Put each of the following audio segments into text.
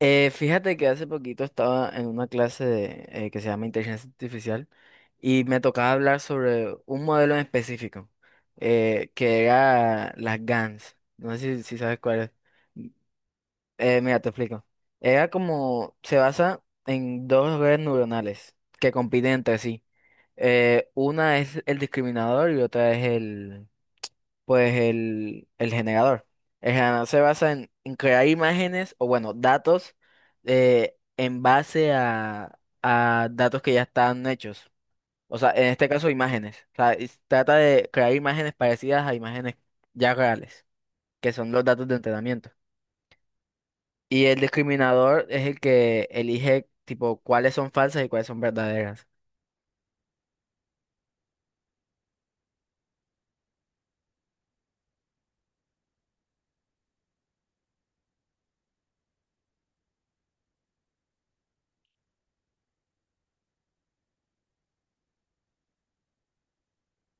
Fíjate que hace poquito estaba en una clase de, que se llama Inteligencia Artificial y me tocaba hablar sobre un modelo en específico, que era las GANs. No sé si sabes cuál es. Mira, te explico. Era como, se basa en dos redes neuronales que compiten entre sí. Una es el discriminador y otra es pues el generador. El generador se basa en crear imágenes o bueno, datos en base a datos que ya están hechos. O sea, en este caso imágenes. O sea, trata de crear imágenes parecidas a imágenes ya reales, que son los datos de entrenamiento. Y el discriminador es el que elige tipo cuáles son falsas y cuáles son verdaderas.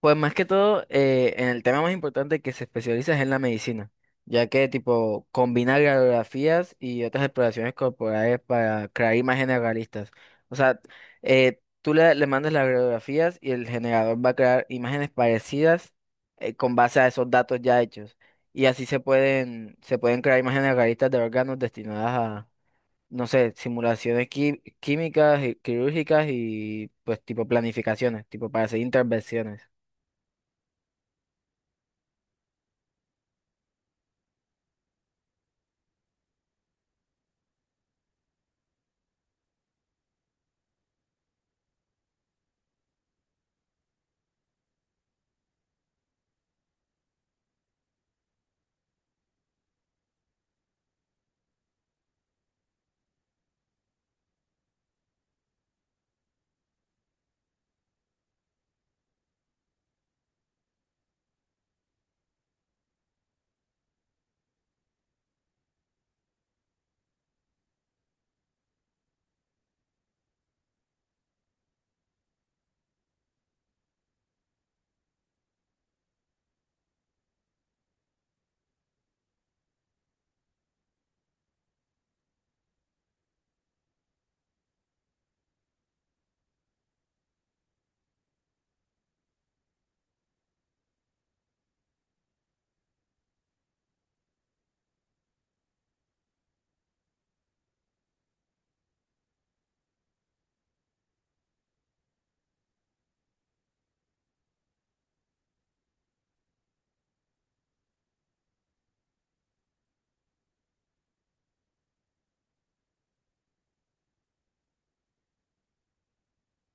Pues más que todo, en el tema más importante que se especializa es en la medicina, ya que tipo combina radiografías y otras exploraciones corporales para crear imágenes realistas. O sea, tú le mandas las radiografías y el generador va a crear imágenes parecidas con base a esos datos ya hechos. Y así se se pueden crear imágenes realistas de órganos destinadas a, no sé, simulaciones químicas y quirúrgicas y pues tipo planificaciones, tipo para hacer intervenciones.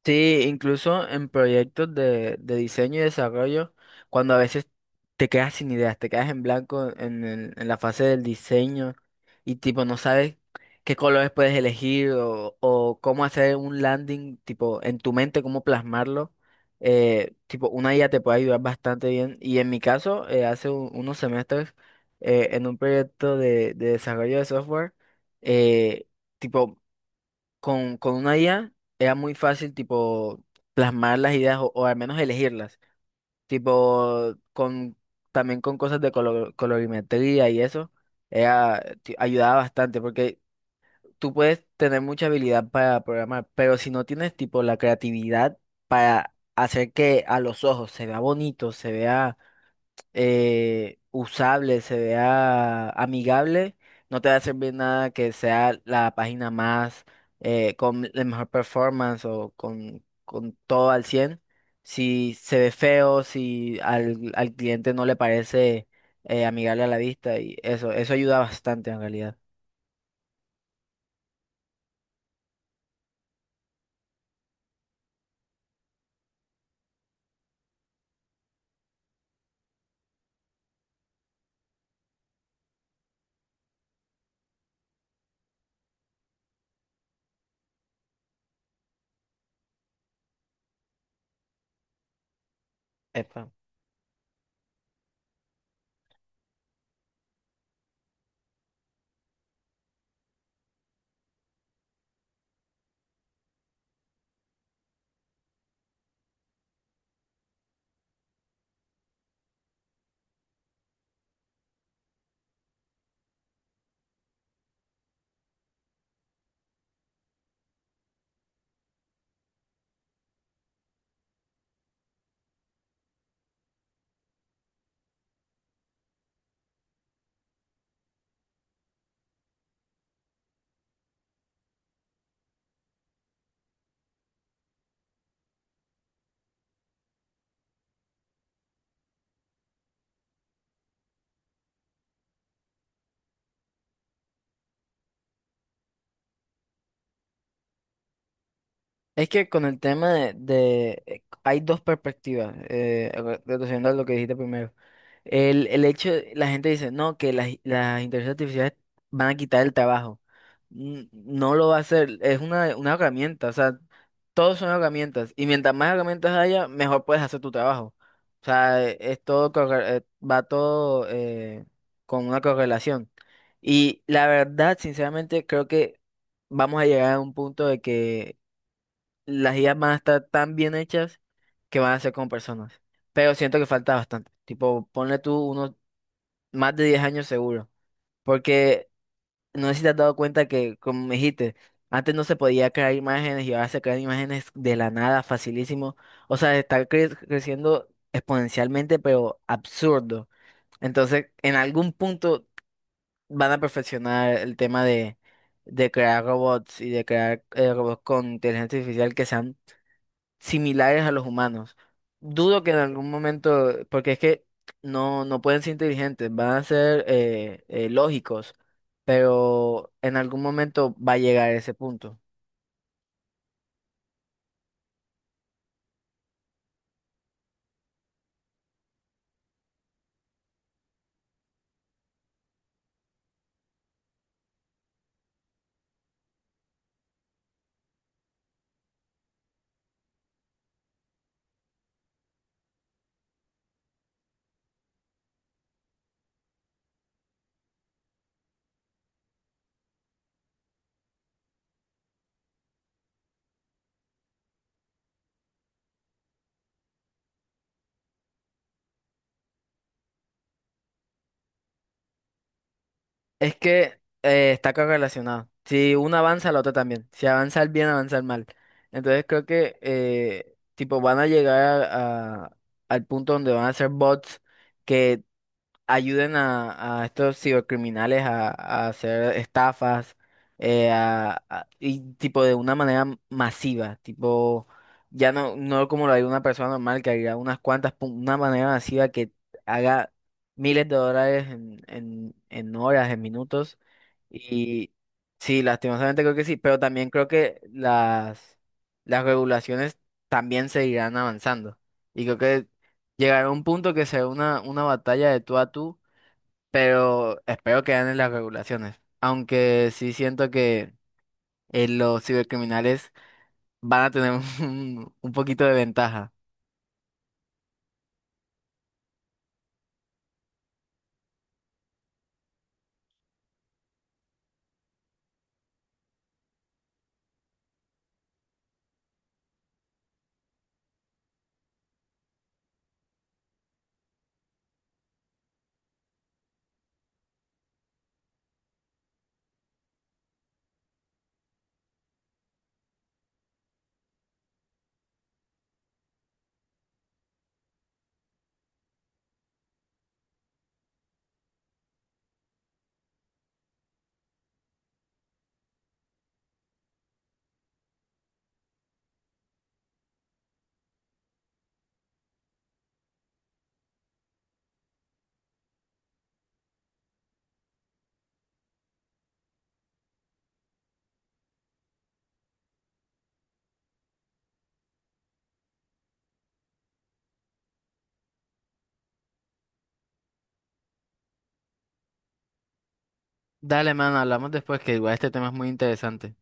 Sí, incluso en proyectos de diseño y desarrollo, cuando a veces te quedas sin ideas, te quedas en blanco en la fase del diseño y tipo no sabes qué colores puedes elegir o cómo hacer un landing, tipo en tu mente, cómo plasmarlo, tipo una IA te puede ayudar bastante bien. Y en mi caso, hace unos semestres, en un proyecto de desarrollo de software, eh, tipo con una IA era muy fácil, tipo, plasmar las ideas o al menos elegirlas. Tipo, con, también con cosas de colorimetría y eso, era, ayudaba bastante porque tú puedes tener mucha habilidad para programar, pero si no tienes, tipo, la creatividad para hacer que a los ojos se vea bonito, se vea usable, se vea amigable, no te va a servir nada que sea la página más con la mejor performance o con todo al cien. Si se ve feo, si al cliente no le parece amigable a la vista y eso ayuda bastante en realidad. Epa. Es que con el tema de hay dos perspectivas, reduciendo a lo que dijiste primero. El hecho, la gente dice, no, que las inteligencias artificiales van a quitar el trabajo. No lo va a hacer, es una herramienta, o sea, todos son herramientas y mientras más herramientas haya, mejor puedes hacer tu trabajo. O sea, es todo, va todo con una correlación. Y la verdad, sinceramente, creo que vamos a llegar a un punto de que las ideas van a estar tan bien hechas que van a ser como personas. Pero siento que falta bastante. Tipo, ponle tú unos más de 10 años seguro, porque no sé si te has dado cuenta que, como me dijiste, antes no se podía crear imágenes y ahora se crean imágenes de la nada, facilísimo. O sea, está creciendo exponencialmente, pero absurdo. Entonces, en algún punto van a perfeccionar el tema de crear robots y de crear robots con inteligencia artificial que sean similares a los humanos. Dudo que en algún momento, porque es que no, no pueden ser inteligentes, van a ser lógicos, pero en algún momento va a llegar a ese punto. Es que está correlacionado. Si uno avanza, la otra también. Si avanza el bien, avanza el mal. Entonces creo que tipo van a llegar al punto donde van a ser bots, que ayuden a estos cibercriminales a hacer estafas y tipo de una manera masiva, tipo ya no, no como lo haría una persona normal que haría unas cuantas, pum, una manera masiva que haga miles de dólares en horas, en minutos y sí, lastimosamente creo que sí, pero también creo que las regulaciones también seguirán avanzando y creo que llegará un punto que será una batalla de tú a tú, pero espero que ganen las regulaciones. Aunque sí siento que los cibercriminales van a tener un poquito de ventaja. Dale, mano, hablamos después, que igual este tema es muy interesante.